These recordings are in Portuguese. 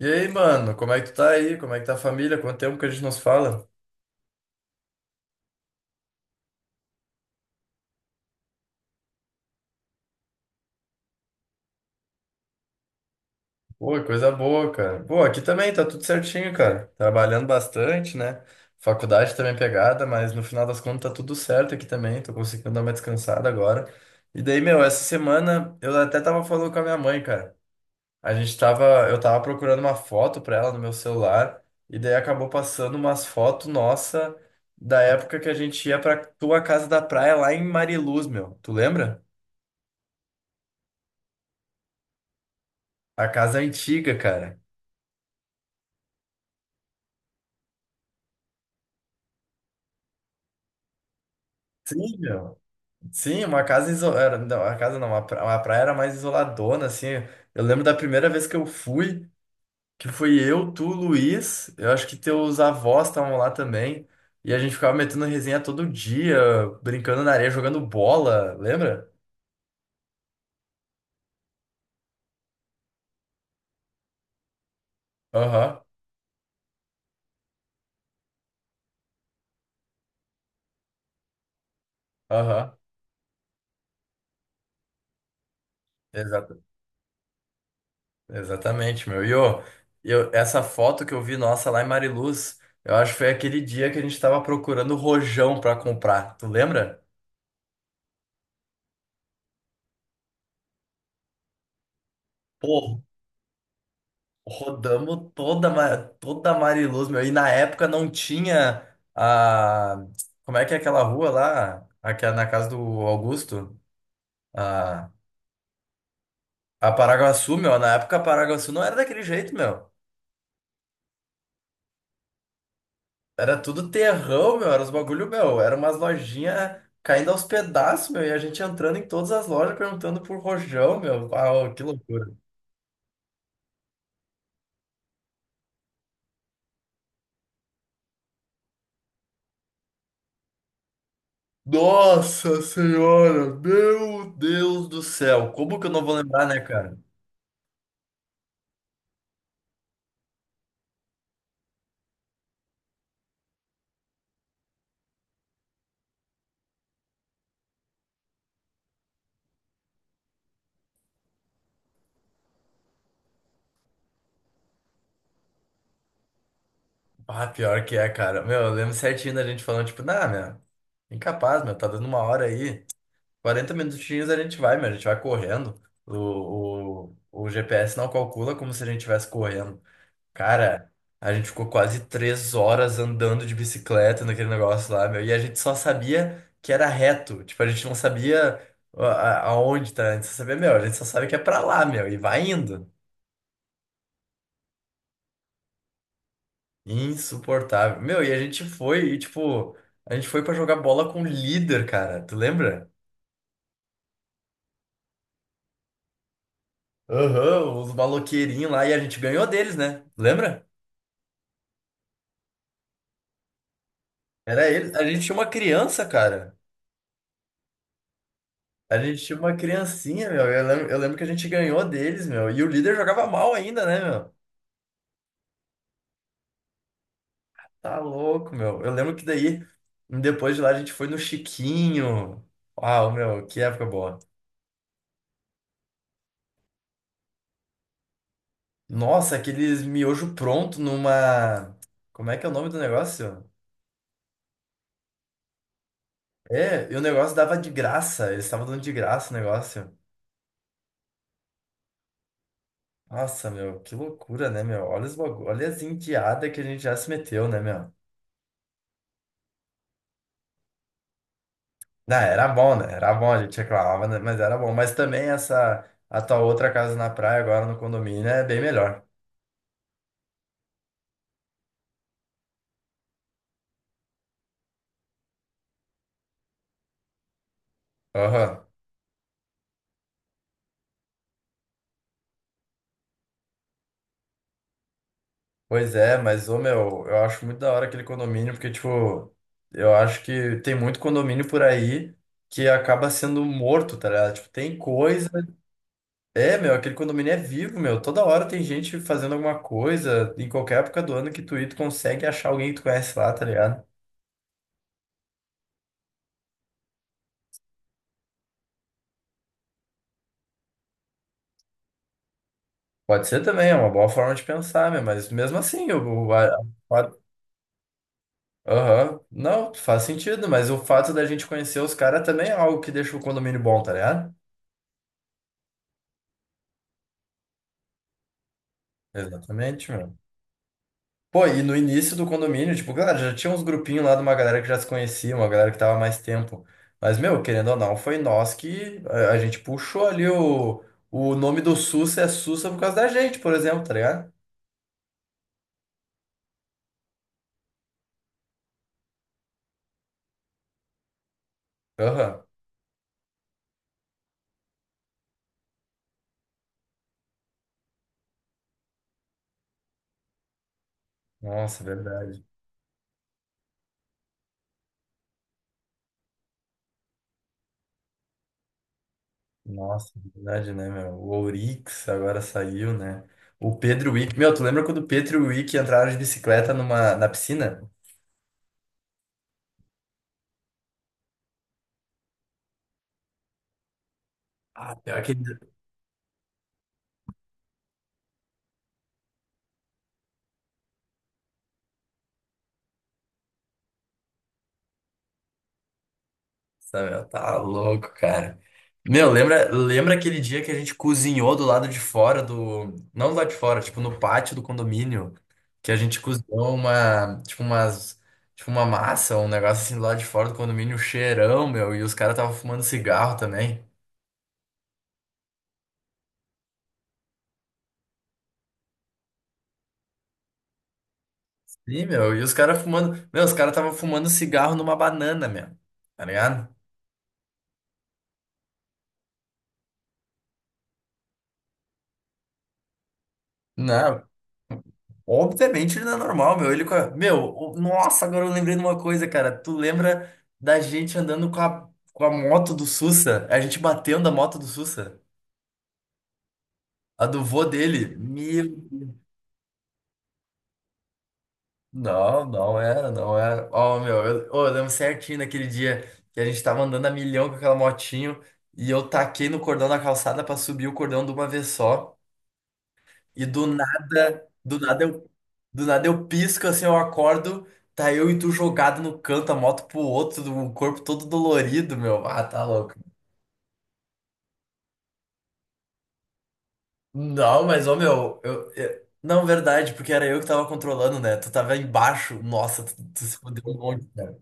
E aí, mano, como é que tu tá aí? Como é que tá a família? Quanto tempo que a gente nos fala? Pô, coisa boa, cara. Pô, aqui também tá tudo certinho, cara. Trabalhando bastante, né? Faculdade também é pegada, mas no final das contas tá tudo certo aqui também. Tô conseguindo dar uma descansada agora. E daí, meu, essa semana eu até tava falando com a minha mãe, cara. Eu tava procurando uma foto pra ela no meu celular, e daí acabou passando umas fotos nossa da época que a gente ia pra tua casa da praia lá em Mariluz, meu. Tu lembra? A casa é antiga, cara. Sim, meu. Sim, uma casa isolada. Não, a casa não, uma praia era mais isoladona, assim. Eu lembro da primeira vez que eu fui, que fui eu, tu, Luiz. Eu acho que teus avós estavam lá também. E a gente ficava metendo resenha todo dia, brincando na areia, jogando bola, lembra? Aham, aham. Exata- Exatamente, meu. E ô, essa foto que eu vi nossa lá em Mariluz, eu acho que foi aquele dia que a gente tava procurando rojão pra comprar. Tu lembra? Pô, rodamos toda Mariluz, meu. E na época não tinha a. Como é que é aquela rua lá? Aqui é na casa do Augusto? A, a Paraguaçu, meu. Na época a Paraguaçu não era daquele jeito, meu. Era tudo terrão, meu. Era os bagulho, meu. Era umas lojinhas caindo aos pedaços, meu. E a gente entrando em todas as lojas perguntando por rojão, meu. Uau, que loucura. Nossa Senhora! Meu Deus do céu! Como que eu não vou lembrar, né, cara? Ah, pior que é, cara. Meu, eu lembro certinho da gente falando, tipo, nah, meu, incapaz, meu, tá dando 1 hora aí. 40 minutinhos a gente vai correndo. O GPS não calcula como se a gente estivesse correndo. Cara, a gente ficou quase 3 horas andando de bicicleta naquele negócio lá, meu, e a gente só sabia que era reto. Tipo, a gente não sabia a- aonde tá, a gente só sabia, meu, a gente só sabe que é pra lá, meu, e vai indo. Insuportável. Meu, e a gente foi, e tipo, a gente foi pra jogar bola com o líder, cara. Tu lembra? Aham, os maloqueirinhos lá, e a gente ganhou deles, né? Lembra? Era eles. A gente tinha uma criança, cara. A gente tinha uma criancinha, meu. Eu lembro que a gente ganhou deles, meu. E o líder jogava mal ainda, né, meu? Tá louco, meu. Eu lembro que daí, depois de lá, a gente foi no Chiquinho. Uau, meu, que época boa. Nossa, aqueles miojo pronto numa. Como é que é o nome do negócio? É, e o negócio dava de graça, eles estavam dando de graça o negócio. Nossa, meu, que loucura, né, meu? Olha os bagulho, olha as indiadas que a gente já se meteu, né, meu? Não, era bom, né? Era bom, a gente reclamava, né? Mas era bom. Mas também essa, a tua outra casa na praia agora no condomínio é bem melhor. Aham. Pois é, mas, ô, meu, eu acho muito da hora aquele condomínio, porque, tipo, eu acho que tem muito condomínio por aí que acaba sendo morto, tá ligado? Tipo, tem coisa. É, meu, aquele condomínio é vivo, meu. Toda hora tem gente fazendo alguma coisa, em qualquer época do ano que tu ir, tu consegue achar alguém que tu conhece lá, tá ligado? Pode ser também, é uma boa forma de pensar, meu, mas mesmo assim, a- aham. Não, faz sentido, mas o fato da gente conhecer os caras também é algo que deixa o condomínio bom, tá ligado? Exatamente, meu. Pô, e no início do condomínio, tipo, cara, já tinha uns grupinhos lá de uma galera que já se conhecia, uma galera que tava há mais tempo. Mas, meu, querendo ou não, foi nós que a gente puxou ali o nome do Sussa é Sussa por causa da gente, por exemplo, tá ligado? Aham. Nossa, verdade. Nossa, verdade, né, meu? O Ourix agora saiu, né? O Pedro Wick. Meu, tu lembra quando o Pedro e o Wick entraram de bicicleta numa, na piscina? Ah, pior que Samuel, tá louco, cara. Meu, lembra aquele dia que a gente cozinhou do lado de fora do. Não do lado de fora, tipo, no pátio do condomínio. Que a gente cozinhou uma. Tipo, umas. Tipo, uma massa, um negócio assim do lado de fora do condomínio, um cheirão, meu. E os caras estavam fumando cigarro também. Sim, meu. E os caras fumando. Meu, os caras estavam fumando cigarro numa banana, meu. Tá ligado? Não. Obviamente ele não é normal, meu. Ele com a... Meu, o- nossa, agora eu lembrei de uma coisa, cara. Tu lembra da gente andando com a moto do Sussa? A gente batendo a moto do Sussa? A do vô dele? Meu. Não, não era, não era. Ó, meu, eu, ó, eu lembro certinho daquele dia que a gente tava andando a milhão com aquela motinho e eu taquei no cordão da calçada pra subir o cordão de uma vez só. E do nada, do nada eu pisco assim, eu acordo, tá eu e tu jogado no canto, a moto pro outro, o corpo todo dolorido, meu. Ah, tá louco. Não, mas ô meu, não, verdade, porque era eu que tava controlando, né? Tu tava embaixo. Nossa, tu se fudeu um monte, cara.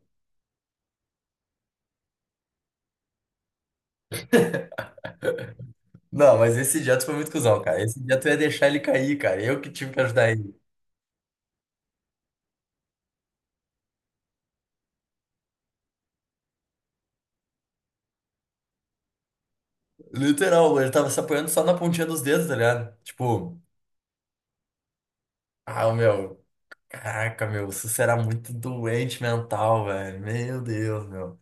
Não, mas esse dia tu foi muito cuzão, cara. Esse dia tu ia deixar ele cair, cara. Eu que tive que ajudar ele. Literal, ele tava se apoiando só na pontinha dos dedos, tá ligado? Tipo, ah, meu. Caraca, meu, o Sussa era muito doente mental, velho. Meu Deus, meu.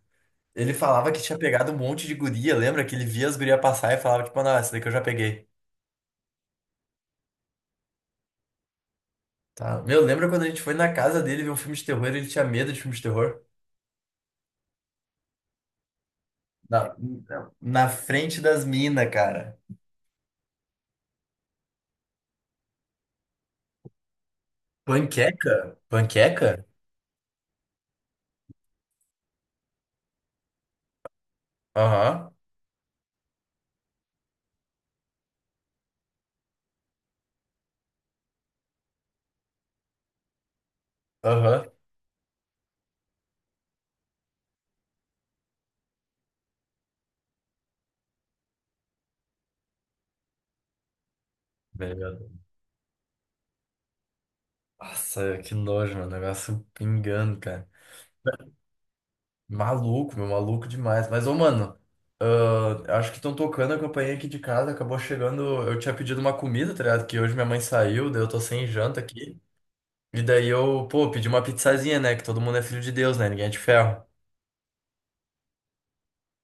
Ele falava que tinha pegado um monte de guria, lembra? Que ele via as gurias passar e falava, tipo, não, essa daqui eu já peguei. Tá. Meu, lembra quando a gente foi na casa dele ver um filme de terror, ele tinha medo de filme de terror? Na, na frente das minas, cara. Panqueca? Panqueca? Aham, aham. Meu Deus. Nossa, que nojo, meu. Negócio pingando, cara. Maluco, meu, maluco demais. Mas, ô, mano, ah, acho que estão tocando a campainha aqui de casa. Acabou chegando. Eu tinha pedido uma comida, tá ligado? Que hoje minha mãe saiu, daí eu tô sem janta aqui. E daí eu, pô, pedi uma pizzazinha, né? Que todo mundo é filho de Deus, né? Ninguém é de ferro.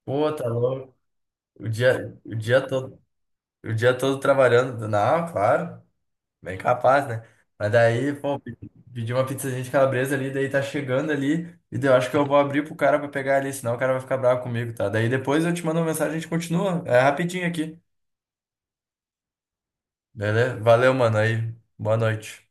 Pô, tá louco. O dia, o dia todo, o dia todo trabalhando. Não, claro. Bem capaz, né? Mas daí, pô, pedi uma pizzazinha de calabresa ali, daí tá chegando ali, e daí eu acho que eu vou abrir pro cara pra pegar ali, senão o cara vai ficar bravo comigo, tá? Daí depois eu te mando uma mensagem e a gente continua. É rapidinho aqui. Beleza? Valeu, mano. Aí, boa noite.